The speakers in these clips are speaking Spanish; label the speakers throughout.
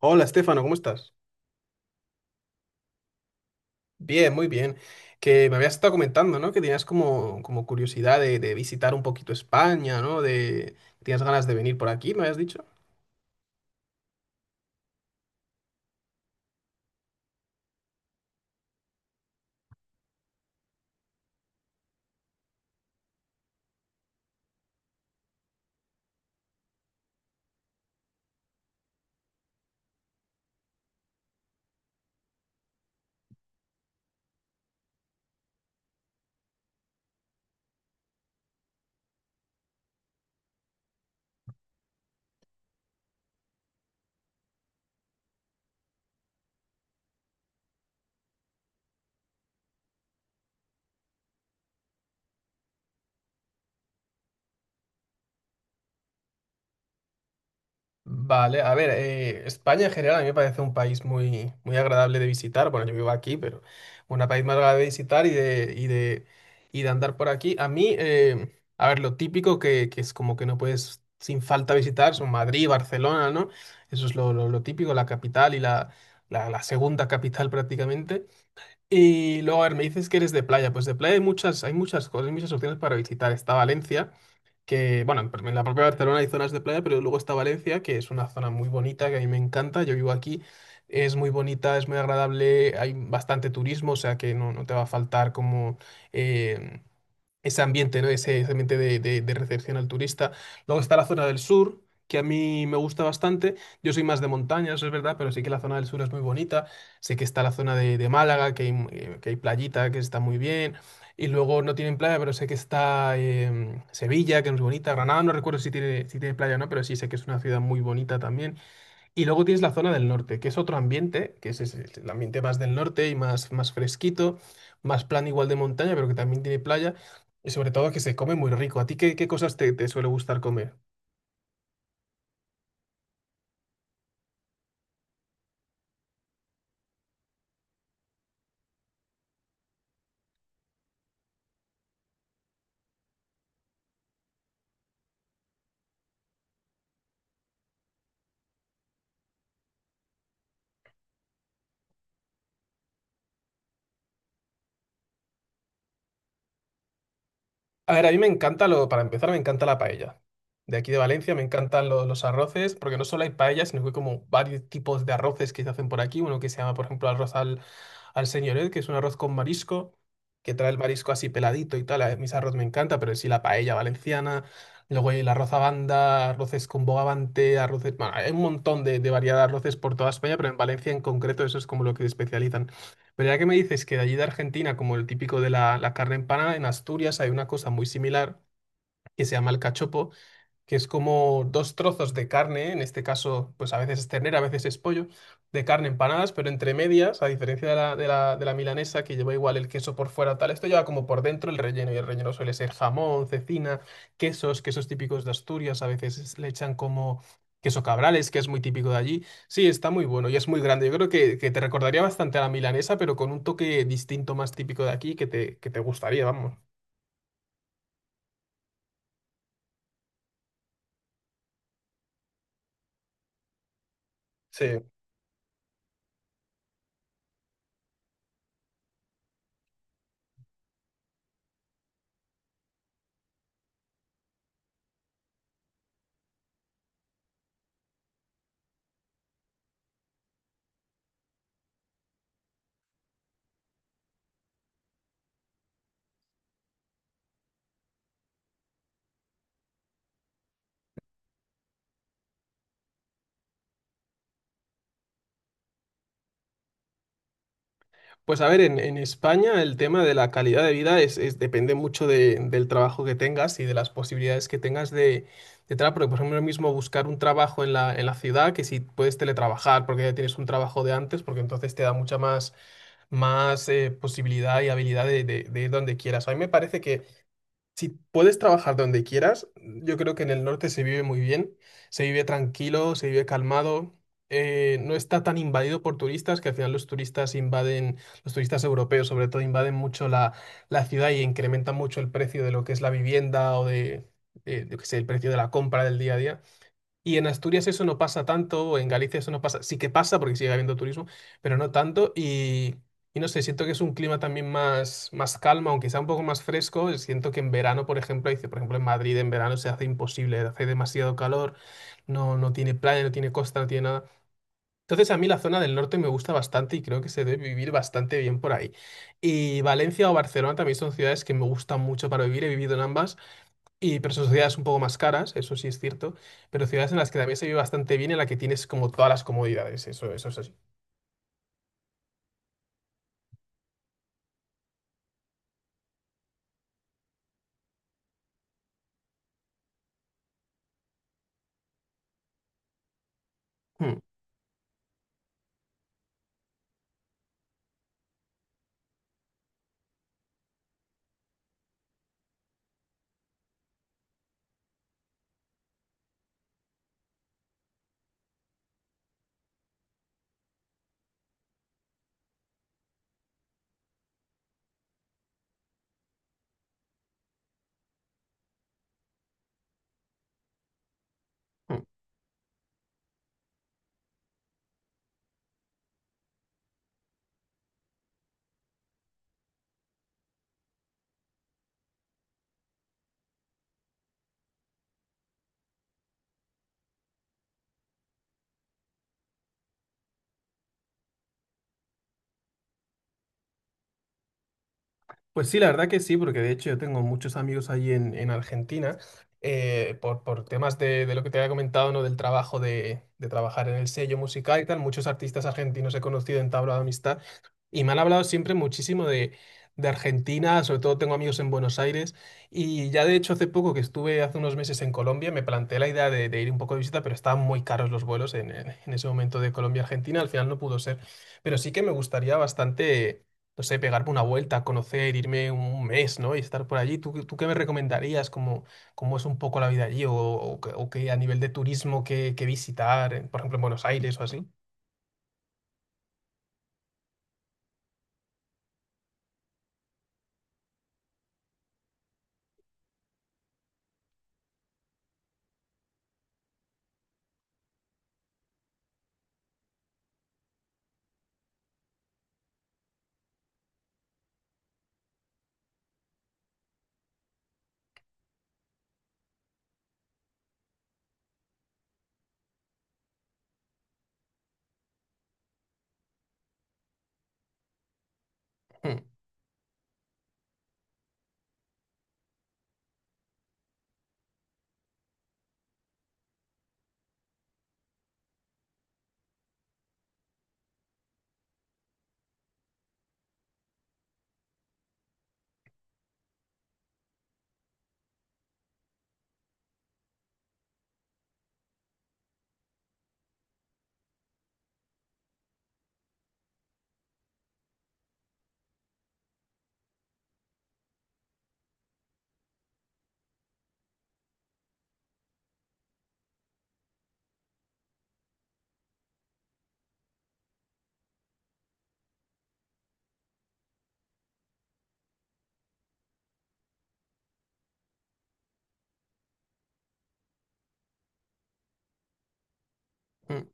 Speaker 1: Hola, Estefano, ¿cómo estás? Bien, muy bien. Que me habías estado comentando, ¿no? Que tenías como curiosidad de visitar un poquito España, ¿no? De, tenías ganas de venir por aquí, me habías dicho. Vale, a ver, España en general a mí me parece un país muy, muy agradable de visitar. Bueno, yo vivo aquí, pero un país más agradable de visitar y de andar por aquí. A mí, a ver, lo típico que es como que no puedes sin falta visitar son Madrid, Barcelona, ¿no? Eso es lo típico, la capital y la segunda capital prácticamente. Y luego, a ver, me dices que eres de playa. Pues de playa hay muchas cosas, hay muchas opciones para visitar. Está Valencia que, bueno, en la propia Barcelona hay zonas de playa, pero luego está Valencia, que es una zona muy bonita, que a mí me encanta, yo vivo aquí, es muy bonita, es muy agradable, hay bastante turismo, o sea que no, no te va a faltar como eh, ese ambiente, ¿no? Ese ambiente de recepción al turista. Luego está la zona del sur, que a mí me gusta bastante. Yo soy más de montaña, eso es verdad, pero sí que la zona del sur es muy bonita. Sé que está la zona de Málaga, que hay, que hay playita, que está muy bien. Y luego no tienen playa, pero sé que está Sevilla, que es muy bonita. Granada, no recuerdo si tiene, si tiene playa o no, pero sí sé que es una ciudad muy bonita también. Y luego tienes la zona del norte, que es otro ambiente, que es, ese, el ambiente más del norte y más, más fresquito, más plan igual de montaña, pero que también tiene playa y sobre todo que se come muy rico. ¿A ti qué, qué cosas te, te suele gustar comer? A ver, a mí me encanta lo, para empezar, me encanta la paella. De aquí de Valencia me encantan los arroces, porque no solo hay paella, sino que hay como varios tipos de arroces que se hacen por aquí. Uno que se llama, por ejemplo, al señoret, que es un arroz con marisco, que trae el marisco así peladito y tal. A mis arroz me encanta, pero en sí la paella valenciana. Luego hay el arroz a banda, arroces con bogavante, arroces, bueno, hay un montón de variedad de arroces por toda España, pero en Valencia en concreto eso es como lo que se especializan. Pero ya que me dices que de allí de Argentina, como el típico de la carne empanada, en Asturias hay una cosa muy similar que se llama el cachopo, que es como dos trozos de carne, en este caso, pues a veces es ternera, a veces es pollo, de carne empanadas, pero entre medias, a diferencia de la milanesa, que lleva igual el queso por fuera, tal, esto lleva como por dentro el relleno, y el relleno suele ser jamón, cecina, quesos, quesos típicos de Asturias, a veces le echan como queso cabrales, que es muy típico de allí. Sí, está muy bueno y es muy grande. Yo creo que te recordaría bastante a la milanesa, pero con un toque distinto más típico de aquí que te gustaría, vamos. Sí, pues a ver, en España el tema de la calidad de vida depende mucho del trabajo que tengas y de las posibilidades que tengas de trabajo. Porque, por ejemplo, ahora mismo buscar un trabajo en en la ciudad, que si puedes teletrabajar porque ya tienes un trabajo de antes, porque entonces te da mucha más posibilidad y habilidad de ir donde quieras. A mí me parece que si puedes trabajar donde quieras, yo creo que en el norte se vive muy bien, se vive tranquilo, se vive calmado, no está tan invadido por turistas, que al final los turistas invaden, los turistas europeos sobre todo invaden mucho la ciudad y incrementan mucho el precio de lo que es la vivienda o de, yo qué sé, el precio de la compra del día a día. Y en Asturias eso no pasa tanto, o en Galicia eso no pasa, sí que pasa porque sigue habiendo turismo, pero no tanto. Y no sé, siento que es un clima también más, más calma, aunque sea un poco más fresco. Siento que en verano, por ejemplo, dice, por ejemplo, en Madrid en verano se hace imposible, hace demasiado calor, no, no tiene playa, no tiene costa, no tiene nada. Entonces a mí la zona del norte me gusta bastante y creo que se debe vivir bastante bien por ahí. Y Valencia o Barcelona también son ciudades que me gustan mucho para vivir, he vivido en ambas. Y, pero son ciudades un poco más caras, eso sí es cierto, pero ciudades en las que también se vive bastante bien, en las que tienes como todas las comodidades, eso es así. Mm, mm. Pues sí, la verdad que sí, porque de hecho yo tengo muchos amigos allí en Argentina, por temas de lo que te había comentado, ¿no? Del trabajo de trabajar en el sello musical y tal, muchos artistas argentinos he conocido, he entablado amistad. Y me han hablado siempre muchísimo de Argentina, sobre todo tengo amigos en Buenos Aires. Y ya de hecho hace poco que estuve hace unos meses en Colombia, me planteé la idea de ir un poco de visita, pero estaban muy caros los vuelos en ese momento de Colombia-Argentina, al final no pudo ser. Pero sí que me gustaría bastante, no sé, pegarme una vuelta, conocer, irme un mes, ¿no? Y estar por allí. ¿Tú, tú qué me recomendarías? ¿Cómo, cómo es un poco la vida allí? ¿O, o qué a nivel de turismo qué, qué visitar, por ejemplo, en Buenos Aires o así? Hmm, hmm.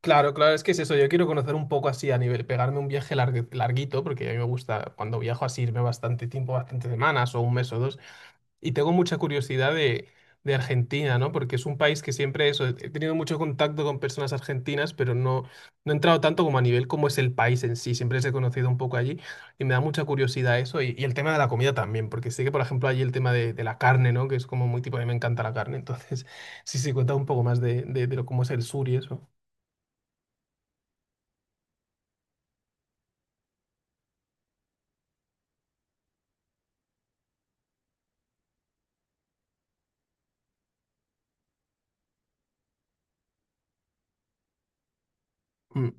Speaker 1: Claro, claro, es que es eso. Yo quiero conocer un poco así a nivel, pegarme un viaje larguito, porque a mí me gusta cuando viajo así irme bastante tiempo, bastantes semanas o un mes o dos. Y tengo mucha curiosidad de Argentina, ¿no? Porque es un país que siempre eso, he tenido mucho contacto con personas argentinas, pero no, no he entrado tanto como a nivel como es el país en sí. Siempre les he conocido un poco allí y me da mucha curiosidad eso. Y el tema de la comida también, porque sé que, por ejemplo, allí el tema de la carne, ¿no? Que es como muy tipo, a mí me encanta la carne. Entonces, sí, sí, cuenta un poco más de lo, cómo es el sur y eso. Mm.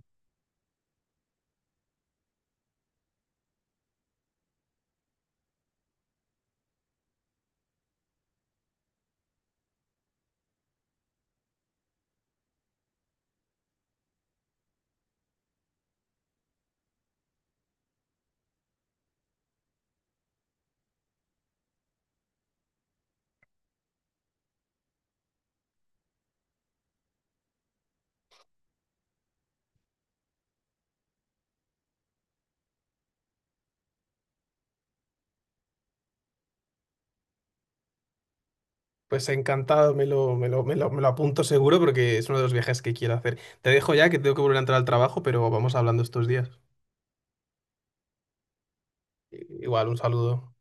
Speaker 1: Pues encantado, me lo apunto seguro porque es uno de los viajes que quiero hacer. Te dejo ya que tengo que volver a entrar al trabajo, pero vamos hablando estos días. Igual, un saludo.